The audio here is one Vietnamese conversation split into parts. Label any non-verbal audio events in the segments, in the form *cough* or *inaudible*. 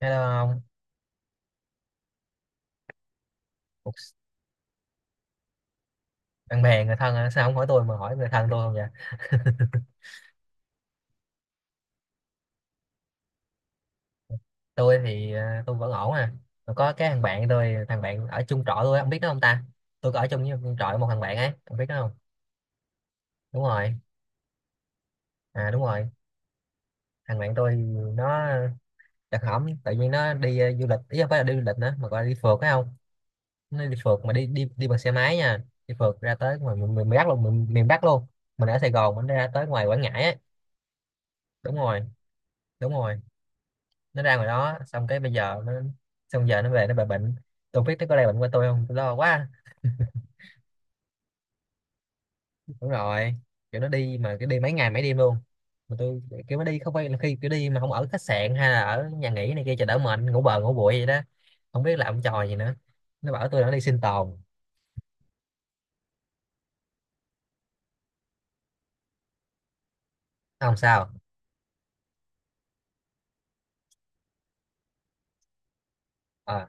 Hello ông. Ủa, Bạn bè người thân hả? Sao không hỏi tôi mà hỏi người thân tôi không vậy? *laughs* Tôi thì tôi vẫn ổn à. Mà có cái thằng bạn tôi, thằng bạn ở chung trọ tôi á, ông biết đó không ta? Tôi có ở chung với một trọ với một thằng bạn ấy, ông biết đó không? Đúng rồi. À đúng rồi. Thằng bạn tôi nó đặc hỏng, tự nhiên nó đi du lịch, ý không phải là đi du lịch nữa mà gọi là đi phượt phải không? Nó đi phượt mà đi đi đi bằng xe máy nha. Đi phượt ra tới ngoài miền Bắc luôn, miền Bắc luôn. Mình ở Sài Gòn mình ra tới ngoài Quảng Ngãi ấy. Đúng rồi. Đúng rồi. Nó ra ngoài đó xong cái bây giờ nó, xong giờ nó về nó bị bệnh. Tôi biết nó có lây bệnh qua tôi không, tôi lo quá. Đúng rồi. Kiểu nó đi mà cái đi mấy ngày mấy đêm luôn. Mà tôi, kiểu nó đi không phải là khi kiểu đi mà không ở khách sạn hay là ở nhà nghỉ này kia cho đỡ mệt, ngủ bờ ngủ bụi vậy đó, không biết làm trò gì nữa. Nó bảo tôi là nó đi sinh tồn. Không sao. À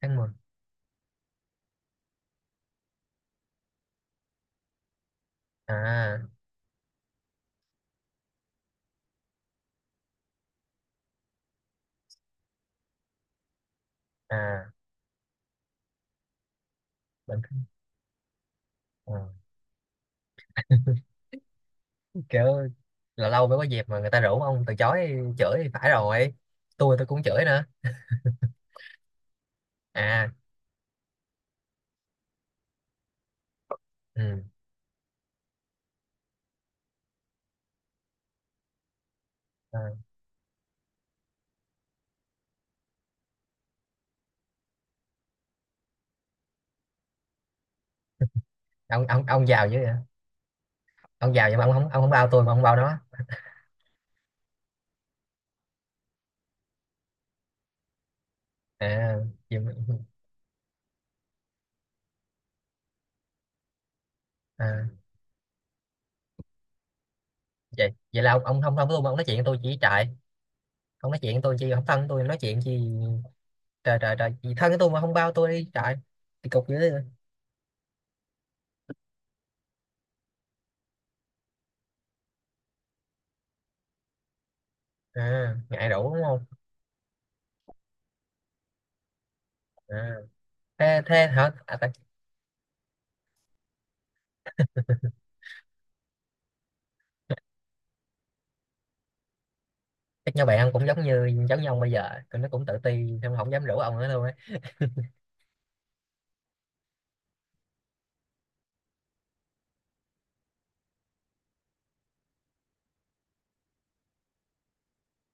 tháng 10. À. À bệnh. À. Kiểu là lâu mới có dịp mà người ta rủ ông từ chối, chửi thì phải rồi. Tôi cũng chửi nữa. À. Ừ. Ờ, ông giàu dữ vậy. Ông giàu nhưng mà ông không bao tôi mà ông bao nó. À, gì mà- à vậy vậy là ông không thân với tôi mà ông nói chuyện với tôi chỉ trại. Ông nói chuyện với tôi chi không thân với tôi nói chuyện chi? Trời trời trời gì thân với tôi mà không bao tôi đi trại. Thì cục dữ vậy. À ngại đủ đúng không? À, thế thế hả, à, tại- chắc nhau bạn cũng giống như ông bây giờ, tụi nó cũng tự ti xong không dám rủ ông nữa luôn ấy.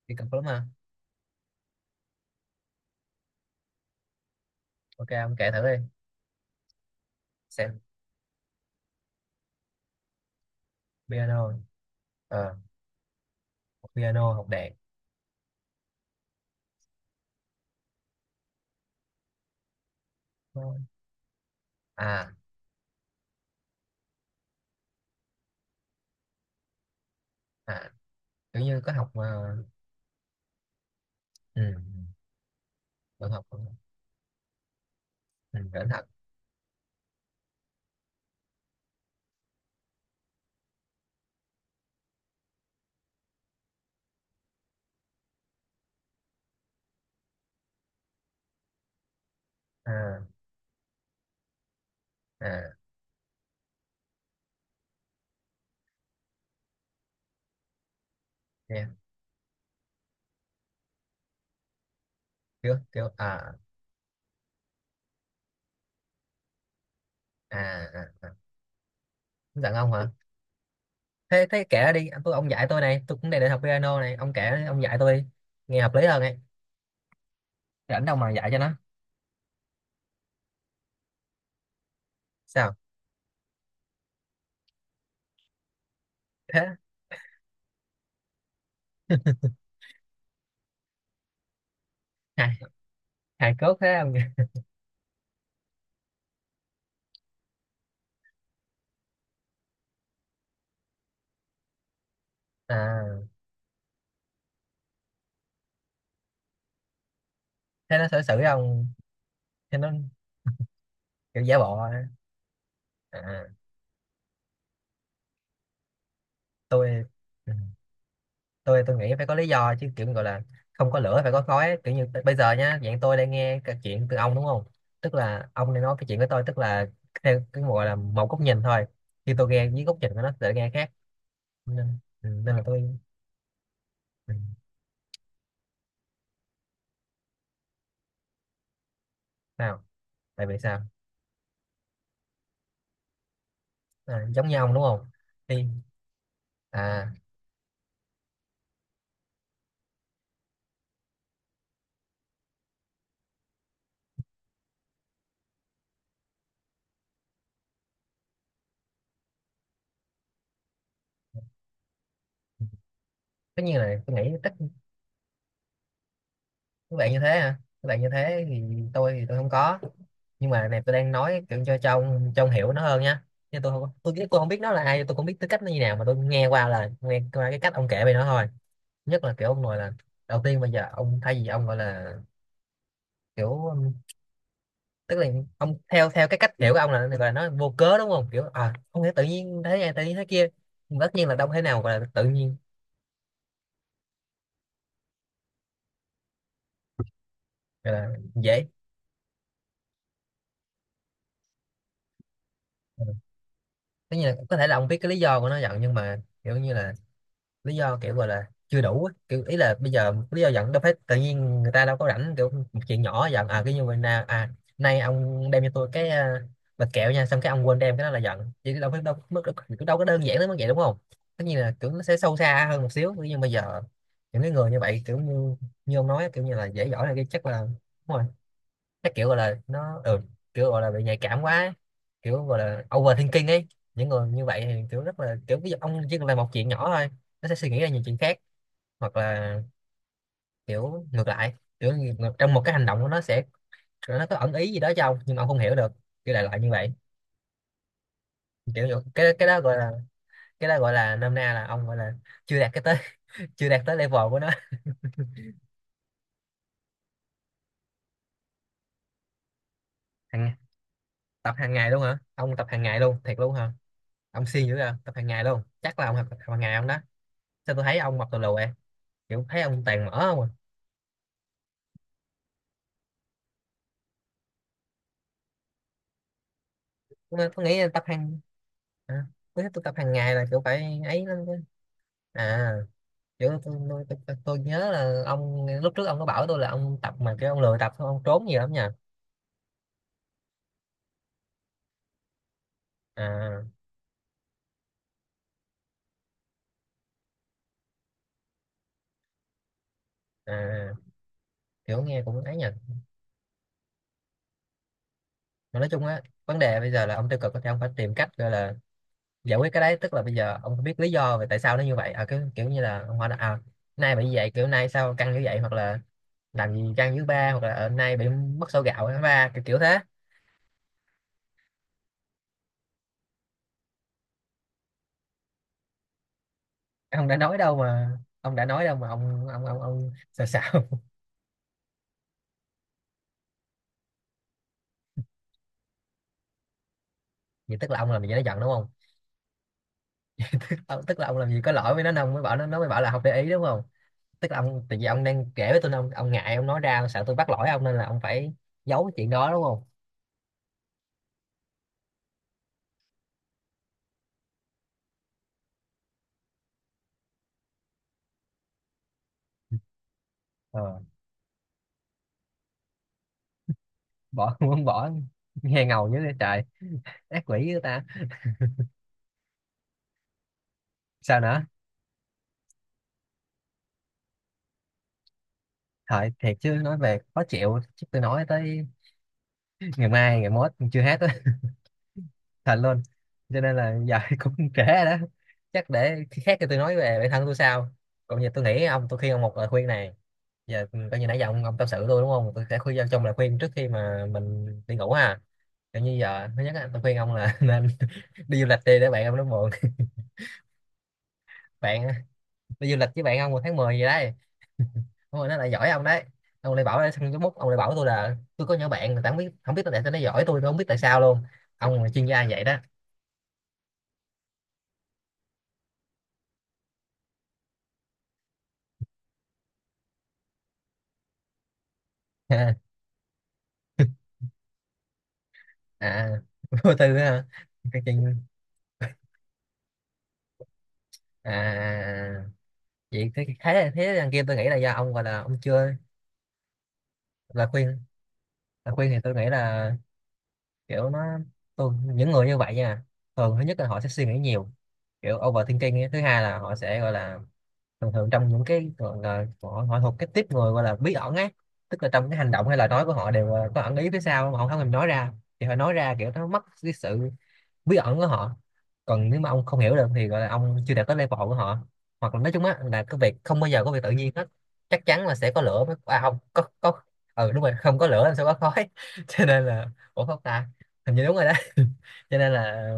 Thì cục lắm mà. Ok ông kể thử đi xem. Piano. Ờ. Học piano, học đàn. À. À kiểu như có học mà. Ừ, ừ, được học. Ừ, cẩn thận. À. À nha. Kiểu kiểu à. À. À, à. Giận ông hả? Thế thế kể ra đi anh, tôi ông dạy tôi này, tôi cũng đang định học piano này, ông kể đi, ông dạy tôi đi. Nghe hợp lý hơn ấy. Rảnh đâu mà dạy cho nó. Sao. Thế. Hài. Hài cốt thế ông nhỉ? À thế nó xử xử ông, thế nó kiểu giả bộ á. À. Tôi. Ừ. tôi nghĩ phải có lý do chứ, kiểu gọi là không có lửa phải có khói. Kiểu như bây giờ nhá, dạng tôi đang nghe cái chuyện từ ông đúng không, tức là ông đang nói cái chuyện với tôi, tức là theo cái gọi là một góc nhìn thôi. Khi tôi nghe với góc nhìn của nó sẽ nghe khác. Nên nên là tôi. ừ, Sao. Tại vì sao? À, giống như ông đúng không? Thì. À tất nhiên là tôi nghĩ tất các bạn như thế hả? Các bạn như thế thì tôi không có. Nhưng mà này tôi đang nói kiểu cho cho ông hiểu nó hơn nha. Chứ tôi không, tôi không biết nó là ai, tôi không biết tư cách nó như nào, mà tôi nghe qua là nghe qua cái cách ông kể về nó thôi. Nhất là kiểu ông nói là đầu tiên bây giờ ông thay vì ông gọi là kiểu tức là ông theo theo cái cách hiểu của ông là gọi là nó vô cớ đúng không, kiểu à không thể tự nhiên thế này tự nhiên thế kia. Nhưng mà tất nhiên là đâu thể nào gọi là tự nhiên, gọi là dễ. Ừ. Tất nhiên là có thể là ông biết cái lý do của nó giận nhưng mà kiểu như là lý do kiểu gọi là chưa đủ á. Kiểu ý là bây giờ lý do giận đâu phải tự nhiên, người ta đâu có rảnh kiểu một chuyện nhỏ giận à cái như vậy nè, à nay ông đem cho tôi cái bịch kẹo nha xong cái ông quên đem cái đó là giận chứ đâu phải đâu mức đâu, đâu có đơn giản đến mức vậy đúng không? Tất nhiên là kiểu nó sẽ sâu xa hơn một xíu nhưng bây giờ những cái người như vậy kiểu như như ông nói kiểu như là dễ dỗi này cái chắc là đúng rồi. Nó kiểu gọi là nó kiểu gọi là bị nhạy cảm quá ấy, kiểu gọi là overthinking ấy. Những người như vậy thì kiểu rất là kiểu ví dụ ông chỉ cần làm một chuyện nhỏ thôi nó sẽ suy nghĩ ra nhiều chuyện khác, hoặc là kiểu ngược lại, kiểu ngược- trong một cái hành động của nó sẽ nó có ẩn ý gì đó cho ông nhưng mà ông không hiểu được, kiểu đại loại như vậy. Kiểu như- cái đó gọi là cái đó gọi là nôm na là ông gọi là chưa đạt cái tới *laughs* chưa đạt tới level của nó. Hàng, tập hàng ngày luôn hả ông, tập hàng ngày luôn thiệt luôn hả? Ông siêng dữ à, tập hàng ngày luôn chắc là ông học tập hàng ngày ông đó. Sao tôi thấy ông mập tù lù vậy, kiểu thấy ông toàn mở không à. Tôi nghĩ là tập hàng. À, tôi tập hàng ngày là kiểu phải ấy lắm chứ. À kiểu tôi nhớ là ông lúc trước ông có bảo tôi là ông tập mà kiểu ông lười tập xong ông trốn nhiều lắm nha. À, à kiểu nghe cũng ấy nha. Mà nói chung á vấn đề bây giờ là ông tiêu cực thì ông phải tìm cách gọi là giải quyết cái đấy, tức là bây giờ ông không biết lý do về tại sao nó như vậy, à kiểu, kiểu như là ông hỏi là à nay bị như vậy kiểu nay sao căng như vậy, hoặc là làm gì căng dưới ba, hoặc là nay bị mất sổ gạo ở ba kiểu kiểu thế. Ông đã nói đâu mà ông đã nói đâu mà ông sao sao *laughs* vậy tức là ông làm gì cho nó giận đúng không? tức, Tức là ông làm gì có lỗi với nó nên ông mới bảo nó mới bảo là không để ý đúng không? Tức là ông tại vì ông đang kể với tôi nên ông ngại ông nói ra, ông sợ tôi bắt lỗi ông nên là ông phải giấu cái chuyện đó đúng không? Ờ, bỏ *laughs* muốn bỏ. Nghe ngầu dữ vậy trời. Ác quỷ với ta. Sao nữa. Thôi thiệt chứ nói về khó chịu chứ tôi nói tới ngày mai ngày mốt chưa hết, thật luôn. Cho nên là giờ *laughs* cũng trễ rồi đó. Chắc để khi khác thì tôi nói về bản thân tôi sau. Còn giờ tôi nghĩ ông, tôi khuyên ông một lời khuyên này. Giờ coi như nãy giờ ông tâm sự tôi đúng không, tôi sẽ khuyên cho ông trong lời khuyên trước khi mà mình đi ngủ ha. Kiểu như giờ thứ nhất á, tôi khuyên ông là *laughs* nên đi du lịch đi để bạn ông nó buồn. Bạn đi du lịch với bạn ông vào tháng 10 gì đấy. Đúng rồi nó lại giỏi ông đấy. Ông lại bảo xong cái bút ông lại bảo tôi là tôi có nhỏ bạn, người ta không biết, không biết tại sao nó giỏi, tôi không biết tại sao luôn. Ông là chuyên gia vậy đó. *laughs* À. Vô tư á hả? Cái chuyện. À vậy thế thế thế đằng kia tôi nghĩ là do ông gọi là ông chưa. Là khuyên, là khuyên thì tôi nghĩ là kiểu nó, tôi những người như vậy nha thường thứ nhất là họ sẽ suy nghĩ nhiều, kiểu overthinking ấy. Thứ hai là họ sẽ gọi là thường thường trong những cái gọi là họ thuộc cái tiếp người gọi là bí ẩn ấy, tức là trong cái hành động hay lời nói của họ đều có ẩn ý phía sau mà họ không thèm nói ra, thì họ nói ra kiểu nó mất cái sự bí ẩn của họ. Còn nếu mà ông không hiểu được thì gọi là ông chưa đạt tới level của họ. Hoặc là nói chung á là cái việc không bao giờ có việc tự nhiên hết. Chắc chắn là sẽ có lửa mới à không có có. Ừ đúng rồi, không có lửa làm sao có khói? *laughs* Cho nên là, ủa không ta, hình như đúng rồi đó. *laughs* Cho nên là,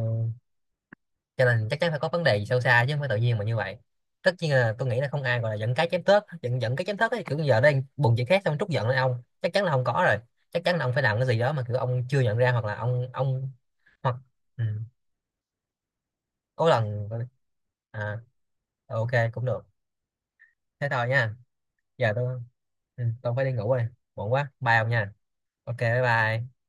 cho nên chắc chắn phải có vấn đề gì sâu xa chứ không phải tự nhiên mà như vậy. Tất nhiên là tôi nghĩ là không ai gọi là giận cái chém tớt, giận giận cái chém tớt ấy, kiểu giờ đang buồn chuyện khác xong trút giận lên ông chắc chắn là không có rồi. Chắc chắn là ông phải làm cái gì đó mà kiểu ông chưa nhận ra, hoặc là ông hoặc. Ừ. Có lần. À ok cũng được. Thế thôi nha. Giờ tôi, ừ, tôi phải đi ngủ rồi, muộn quá, bye ông nha. Ok bye bye.